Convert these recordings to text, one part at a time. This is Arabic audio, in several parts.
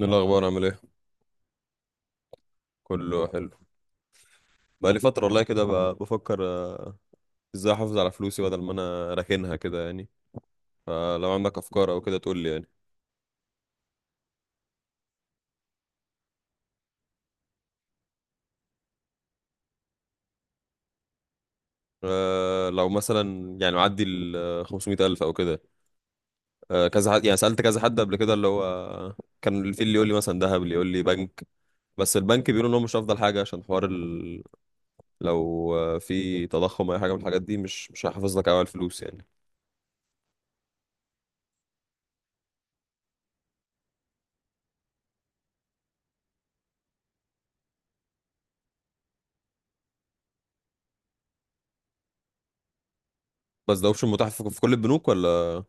إيه الأخبار عامل إيه؟ كله حلو. بقالي فترة والله كده بفكر إزاي أحافظ على فلوسي بدل ما أنا راكنها كده يعني. فلو عندك أفكار أو كده تقول لي يعني. أه لو مثلا يعني معدي ال 500 ألف أو كده. أه كذا حد يعني سألت كذا حد قبل كده اللي هو كان في اللي يقول لي مثلا ذهب، اللي يقول لي بنك. بس البنك بيقولوا إن هو مش أفضل حاجة عشان حوار لو في تضخم أو أي حاجة من الحاجات دي مش هيحافظ لك أوي على الفلوس يعني. بس ده أوبشن متاح في كل البنوك ولا؟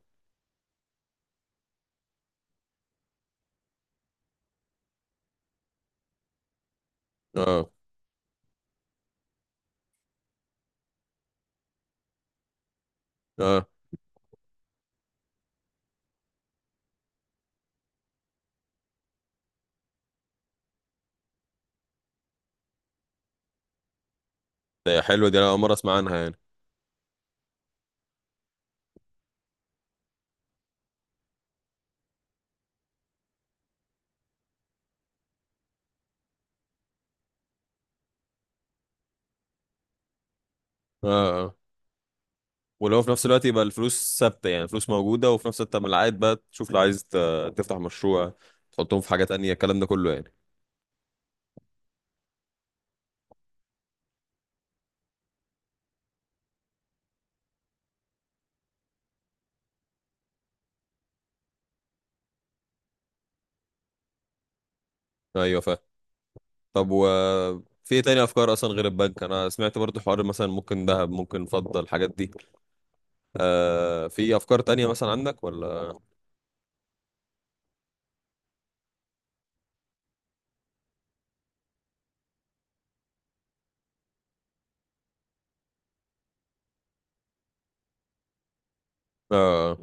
آه، آه، ده حلوة دي، أنا أول مرة أسمع عنها يعني. آه، آه. ولو في نفس الوقت يبقى الفلوس ثابته، يعني الفلوس موجوده وفي نفس الوقت من العائد بقى تشوف لو عايز تفتح مشروع، تحطهم في حاجه تانية، الكلام ده كله يعني. ايوه فاهم. طب و، في إيه تاني افكار اصلا غير البنك؟ انا سمعت برضو حوار مثلا ممكن ذهب، ممكن فضه، الحاجات دي. في افكار تانية مثلا عندك ولا؟ اه،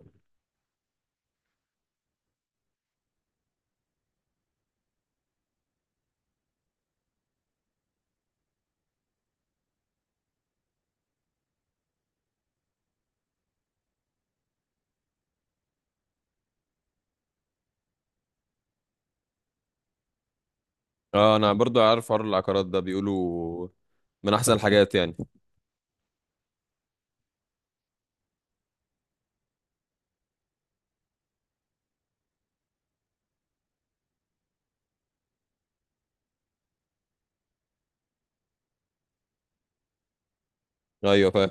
اه، انا برضو عارف حوار العقارات ده. بيقولوا من احسن الحاجات يعني. ايوه فاهم.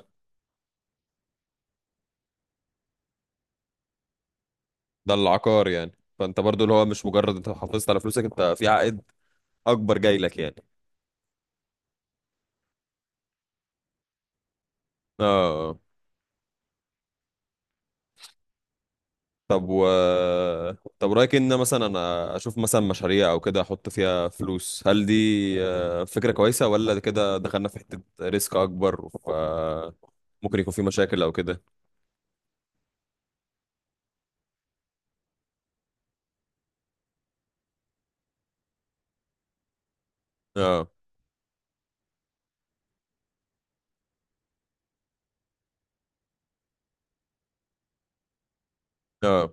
ده العقار يعني. فانت برضو اللي هو مش مجرد انت حافظت على فلوسك، انت في عائد اكبر جاي لك يعني. اه. طب و، طب رأيك ان مثلا انا اشوف مثلا مشاريع او كده احط فيها فلوس؟ هل دي فكرة كويسة، ولا ده كده دخلنا في حتة ريسك اكبر ف ممكن يكون في مشاكل او كده؟ اه، اه،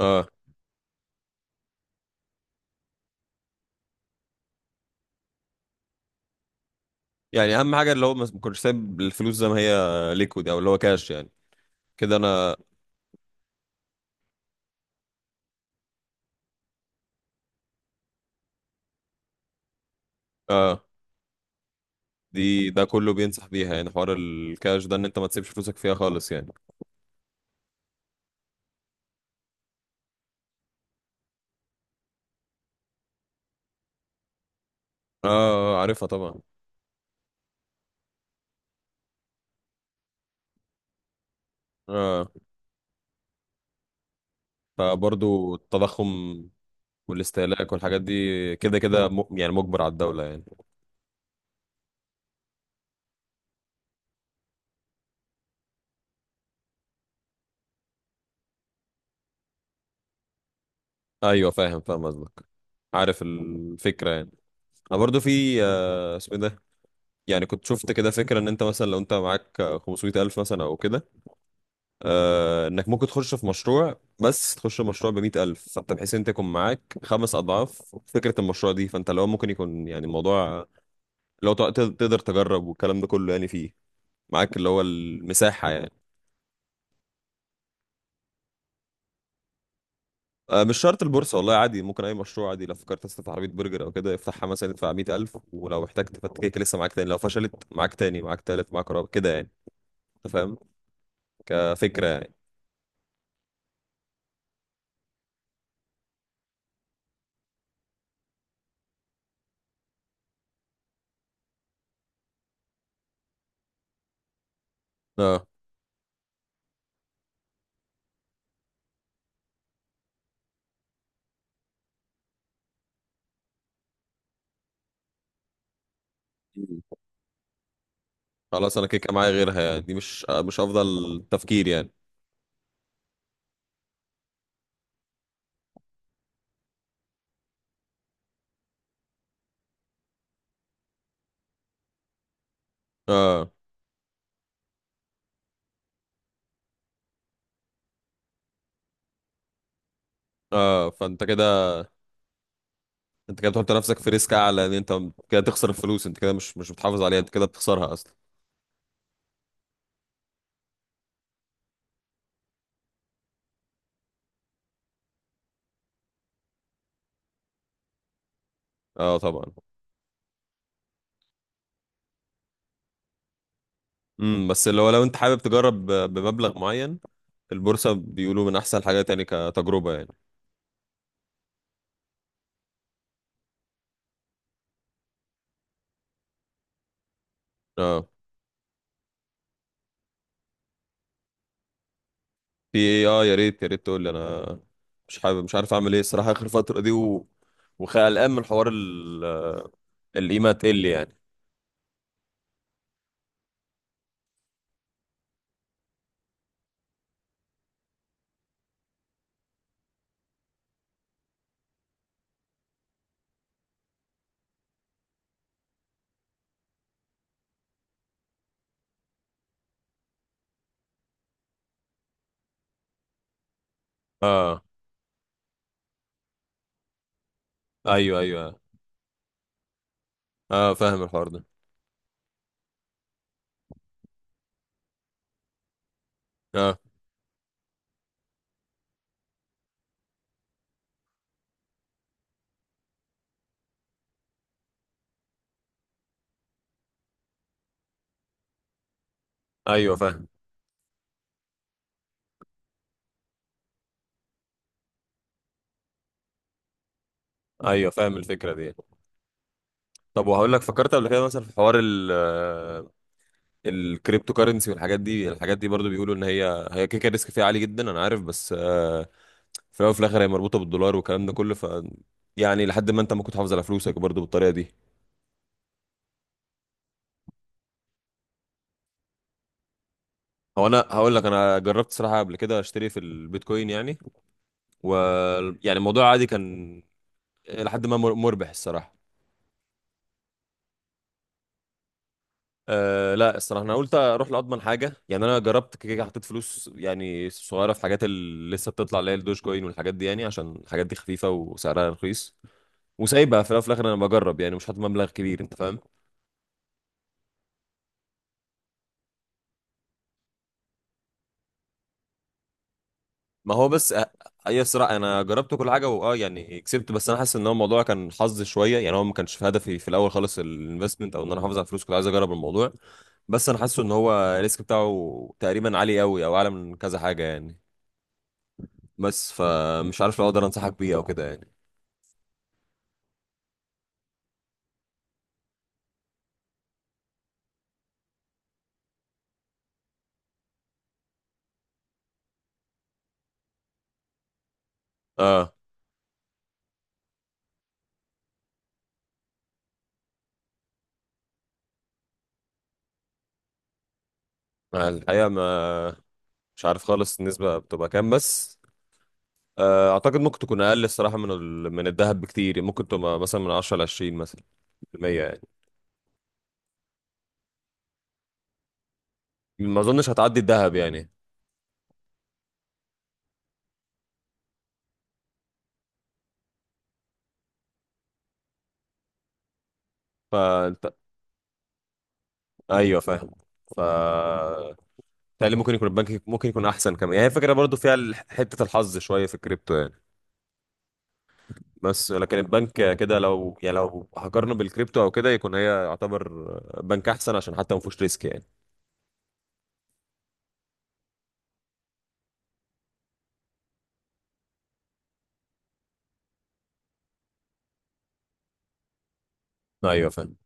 اه، يعني اهم حاجة اللي هو ما كنتش سايب الفلوس زي ما هي ليكويد او اللي هو كاش يعني. كده انا، اه، ده كله بينصح بيها يعني. حوار الكاش ده ان انت ما تسيبش فلوسك فيها خالص يعني. اه، عارفها طبعا. اه، فبرضو التضخم والاستهلاك والحاجات دي كده كده يعني مجبر على الدولة يعني. ايوه فاهم، فاهم قصدك. عارف الفكرة يعني. انا برضو في اسمه إيه ده، يعني كنت شفت كده فكرة ان انت مثلا لو انت معاك 500 الف مثلا او كده، انك ممكن تخش في مشروع، بس تخش في مشروع ب 100 الف، فانت بحيث انت يكون معاك خمس اضعاف فكرة المشروع دي. فانت لو ممكن يكون يعني الموضوع، لو تقدر تجرب والكلام ده كله، يعني فيه معاك اللي هو المساحة يعني. مش شرط البورصة والله، عادي ممكن أي مشروع عادي. لو فكرت تفتح عربية برجر أو كده، افتحها مثلا، ادفع 100,000، ولو احتجت تفكك لسه معاك تاني، لو فشلت معاك تاني، معاك تالت، معاك رابع كده يعني. أنت فاهم كفكرة يعني؟ اه. مم. خلاص أنا كده كده معايا غيرها يعني، دي مش أفضل تفكير يعني. اه، اه، فأنت كده، أنت كده بتحط نفسك في ريسك أعلى. إن أنت كده تخسر الفلوس، أنت كده مش بتحافظ عليها، أنت كده بتخسرها أصلا. اه طبعا. امم، بس اللي هو لو أنت حابب تجرب بمبلغ معين، البورصة بيقولوا من أحسن الحاجات يعني كتجربة يعني. اه، في ايه؟ اه، يا ريت، يا ريت تقول لي. انا مش حابب، مش عارف اعمل ايه الصراحه اخر فتره دي وقلقان من حوار القيمه تقل يعني. اه، ايوه، ايوه. اه، فاهم الحوار ده. اه، ايوه فاهم. ايوه فاهم الفكره دي. طب وهقول لك، فكرت قبل كده مثلا في حوار الكريبتو كارنسي والحاجات دي؟ الحاجات دي برضو بيقولوا ان هي هي كيكه ريسك فيها عالي جدا، انا عارف، بس في الاول وفي الاخر هي مربوطه بالدولار والكلام ده كله، ف يعني لحد ما انت ممكن تحافظ على فلوسك برضو بالطريقه دي. هو انا هقول لك، انا جربت صراحه قبل كده اشتري في البيتكوين يعني. و يعني الموضوع عادي كان، لحد ما مربح الصراحه. أه لا، الصراحه انا قلت اروح لاضمن حاجه يعني. انا جربت كده كده، حطيت فلوس يعني صغيره في حاجات اللي لسه بتطلع، اللي هي الدوج كوين والحاجات دي يعني، عشان الحاجات دي خفيفه وسعرها رخيص، وسايبها. في الاول وفي الاخر انا بجرب يعني، مش حاطط مبلغ كبير. انت فاهم؟ ما هو بس يسرع، انا جربت كل حاجه، واه يعني كسبت، بس انا حاسس ان هو الموضوع كان حظ شويه يعني. هو ما كانش في هدفي في الاول خالص الانفستمنت او ان انا احافظ على فلوس، كنت عايز اجرب الموضوع. بس انا حاسه ان هو الريسك بتاعه تقريبا عالي قوي، او اعلى من كذا حاجه يعني. بس فمش عارف لو اقدر انصحك بيه او كده يعني. اه، مع الحقيقه ما، مش عارف خالص النسبه بتبقى كام. بس اعتقد ممكن تكون اقل الصراحه من الذهب بكتير يعني. ممكن تبقى مثلا من 10 ل 20 مثلا في المية يعني. ما اظنش هتعدي الذهب يعني. فانت، ايوه فاهم. ف تقريبا ممكن يكون البنك ممكن يكون احسن كمان يعني. هي فكره برضو فيها حته الحظ شويه في الكريبتو يعني. بس لكن البنك كده، لو يعني لو هقارنه بالكريبتو او كده، يكون هي يعتبر بنك احسن عشان حتى ما فيهوش ريسك يعني. ايوه فاهم.